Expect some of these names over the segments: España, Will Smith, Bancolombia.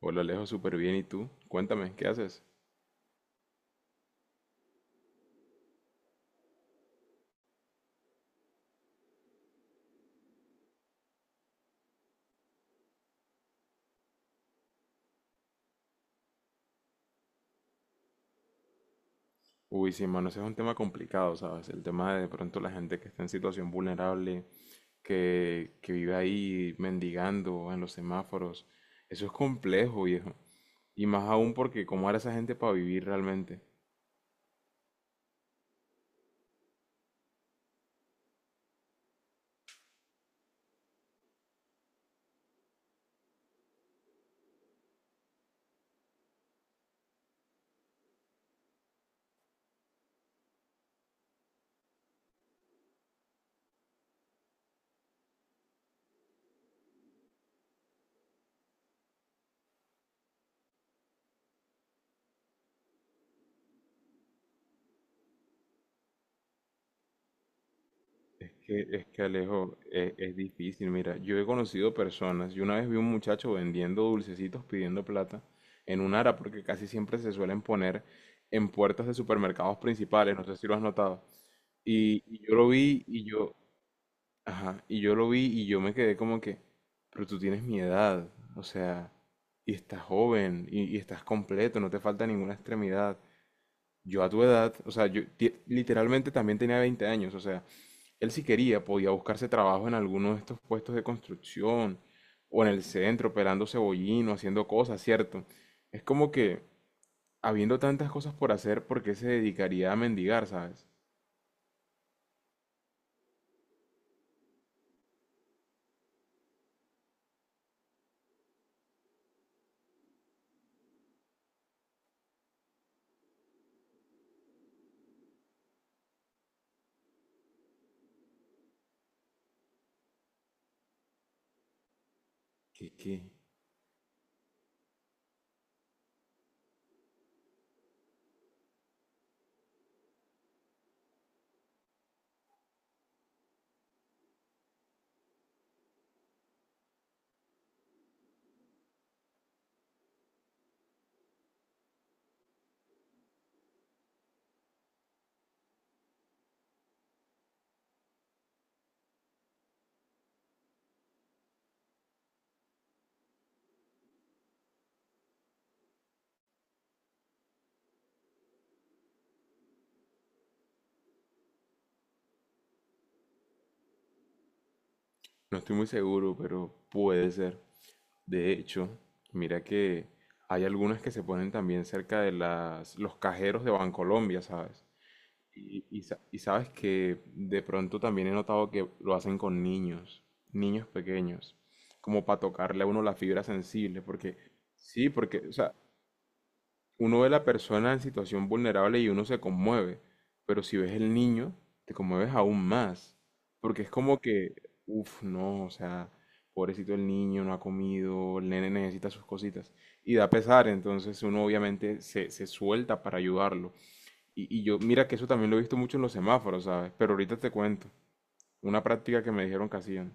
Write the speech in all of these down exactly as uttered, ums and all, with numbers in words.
Hola Alejo, súper bien. ¿Y tú? Cuéntame, ¿qué haces? Uy, sí, hermano, ese es un tema complicado, ¿sabes? El tema de, de pronto la gente que está en situación vulnerable, que, que vive ahí mendigando en los semáforos. Eso es complejo, viejo. Y más aún porque cómo hará esa gente para vivir realmente. Es que, es que Alejo, es, es difícil. Mira, yo he conocido personas. Yo una vez vi un muchacho vendiendo dulcecitos pidiendo plata en un ara porque casi siempre se suelen poner en puertas de supermercados principales. No sé si lo has notado. Y, y yo lo vi y yo, ajá, y yo lo vi y yo me quedé como que, pero tú tienes mi edad, o sea, y estás joven y, y estás completo, no te falta ninguna extremidad. Yo a tu edad, o sea, yo ti- literalmente también tenía veinte años, o sea, él si quería podía buscarse trabajo en alguno de estos puestos de construcción o en el centro operando cebollino, haciendo cosas, ¿cierto? Es como que, habiendo tantas cosas por hacer, ¿por qué se dedicaría a mendigar, sabes? ¿Qué, qué? No estoy muy seguro, pero puede ser. De hecho, mira que hay algunas que se ponen también cerca de las, los cajeros de Bancolombia, ¿sabes? Y, y sa- y sabes que de pronto también he notado que lo hacen con niños, niños pequeños, como para tocarle a uno la fibra sensible, porque sí, porque, o sea, uno ve a la persona en situación vulnerable y uno se conmueve, pero si ves el niño, te conmueves aún más, porque es como que, uff, no, o sea, pobrecito el niño, no ha comido, el nene necesita sus cositas, y da pesar, entonces uno obviamente se, se suelta para ayudarlo. Y, y yo, mira que eso también lo he visto mucho en los semáforos, ¿sabes? Pero ahorita te cuento, una práctica que me dijeron que hacían.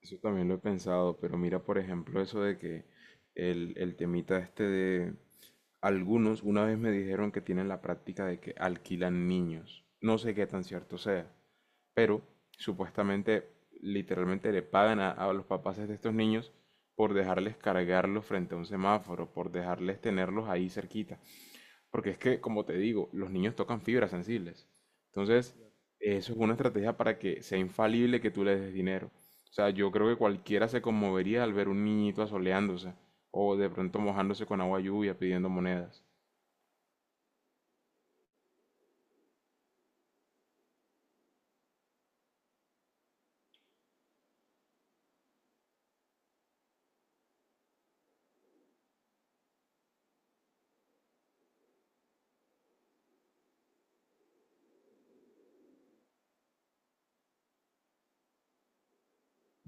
Eso también lo he pensado, pero mira, por ejemplo, eso de que el, el temita este de algunos, una vez me dijeron que tienen la práctica de que alquilan niños. No sé qué tan cierto sea, pero supuestamente, literalmente le pagan a, a los papás de estos niños por dejarles cargarlos frente a un semáforo, por dejarles tenerlos ahí cerquita. Porque es que, como te digo, los niños tocan fibras sensibles. Entonces, eso es una estrategia para que sea infalible que tú le des dinero. O sea, yo creo que cualquiera se conmovería al ver un niñito asoleándose o de pronto mojándose con agua lluvia pidiendo monedas.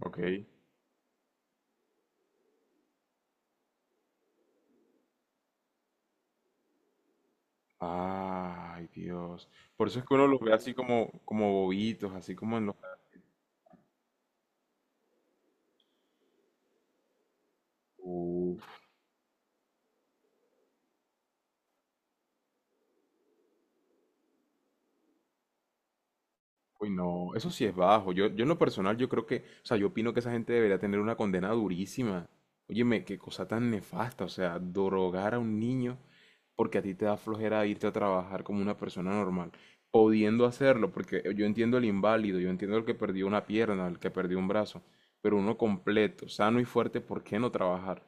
Ok. Ay, Dios. Por eso es que uno los ve así como, como bobitos, así como en los... Uy, no, eso sí es bajo. Yo, yo en lo personal, yo creo que, o sea, yo opino que esa gente debería tener una condena durísima. Óyeme, qué cosa tan nefasta, o sea, drogar a un niño porque a ti te da flojera irte a trabajar como una persona normal, pudiendo hacerlo, porque yo entiendo el inválido, yo entiendo el que perdió una pierna, el que perdió un brazo, pero uno completo, sano y fuerte, ¿por qué no trabajar?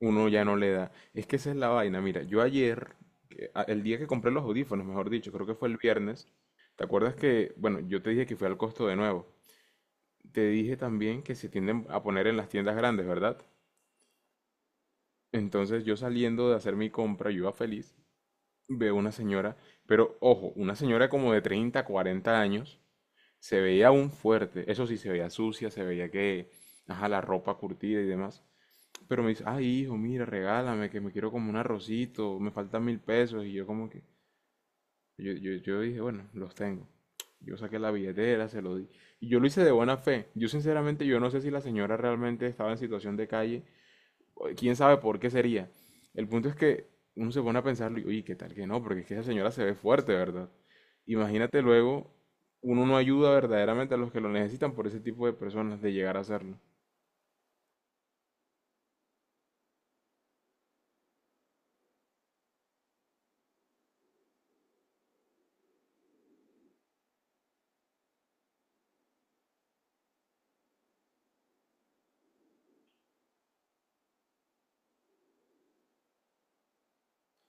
Uno ya no le da. Es que esa es la vaina. Mira, yo ayer, que- a- el día que compré los audífonos, mejor dicho, creo que fue el viernes, ¿te acuerdas que, bueno, yo te dije que fui al costo de nuevo? Te dije también que se tienden a poner en las tiendas grandes, ¿verdad? Entonces yo saliendo de hacer mi compra, yo iba feliz, veo una señora, pero ojo, una señora como de treinta cuarenta años, se veía aún fuerte, eso sí, se veía sucia, se veía que, ajá, la ropa curtida y demás. Pero me dice, ay, hijo, mira, regálame, que me quiero como un arrocito, me faltan mil pesos. Y yo como que, yo, yo, yo dije, bueno, los tengo. Yo saqué la billetera, se lo di. Y yo lo hice de buena fe. Yo sinceramente, yo no sé si la señora realmente estaba en situación de calle. O quién sabe por qué sería. El punto es que uno se pone a pensarlo y, uy, ¿qué tal que no? Porque es que esa señora se ve fuerte, ¿verdad? Imagínate luego, uno no ayuda verdaderamente a los que lo necesitan por ese tipo de personas de llegar a hacerlo.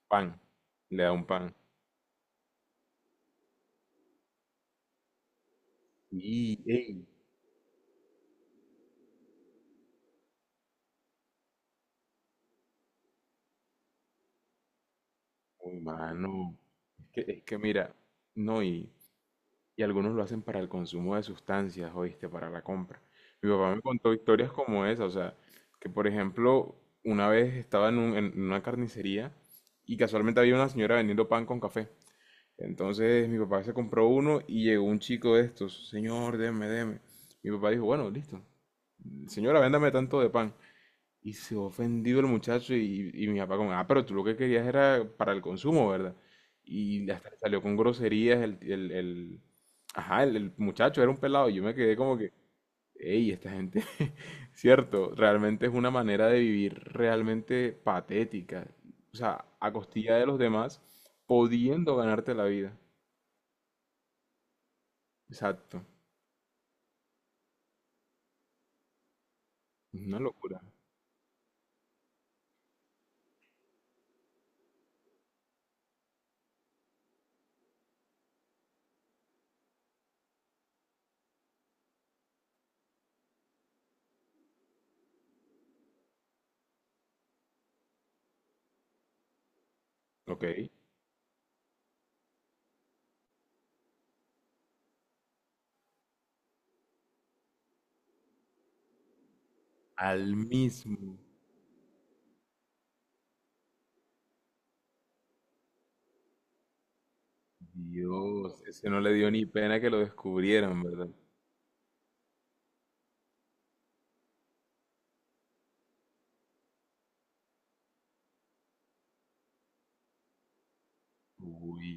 Pan, le da un pan. Y, ey, uy, mano. Es que, es que mira, no, y, y algunos lo hacen para el consumo de sustancias, oíste, para la compra. Mi papá me contó historias como esa, o sea, que por ejemplo, una vez estaba en, un- en una carnicería y casualmente había una señora vendiendo pan con café. Entonces mi papá se compró uno y llegó un chico de estos, señor, deme, deme. Mi papá dijo, bueno, listo, señora, véndame tanto de pan. Y se ofendido el muchacho y, y mi papá como, ah, pero tú lo que querías era para el consumo, ¿verdad? Y hasta le salió con groserías el, el, el- ajá, el, el muchacho era un pelado. Y yo me quedé como que, hey, esta gente, cierto, realmente es una manera de vivir realmente patética. O sea, a costilla de los demás, pudiendo ganarte la vida. Exacto. Una locura. Ok. Al mismo. Dios, ese no le dio ni pena que lo descubrieran, ¿verdad? Uy,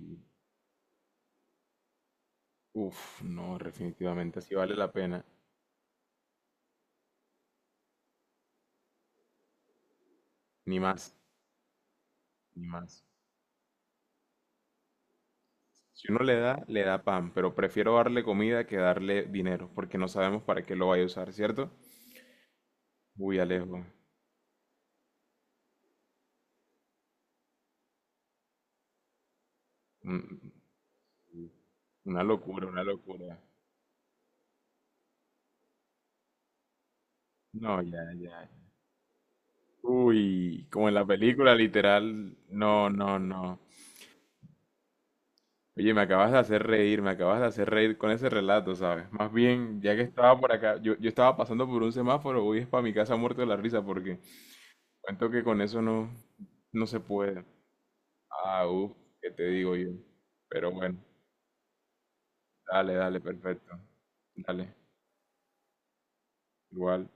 uf, no, definitivamente así vale la pena. Ni más, ni más. Si uno le da, le da pan, pero prefiero darle comida que darle dinero, porque no sabemos para qué lo vaya a usar, ¿cierto? Uy, Alejo. Mm, una locura, una locura. No, ya, ya. Uy, como en la película, literal. No, no, no. Oye, me acabas de hacer reír, me acabas de hacer reír con ese relato, ¿sabes? Más bien, ya que estaba por acá, yo, yo estaba pasando por un semáforo, uy, es para mi casa muerto de la risa, porque cuento que con eso no, no se puede. Ah, uff, ¿qué te digo yo? Pero bueno, dale, dale, perfecto. Dale, igual.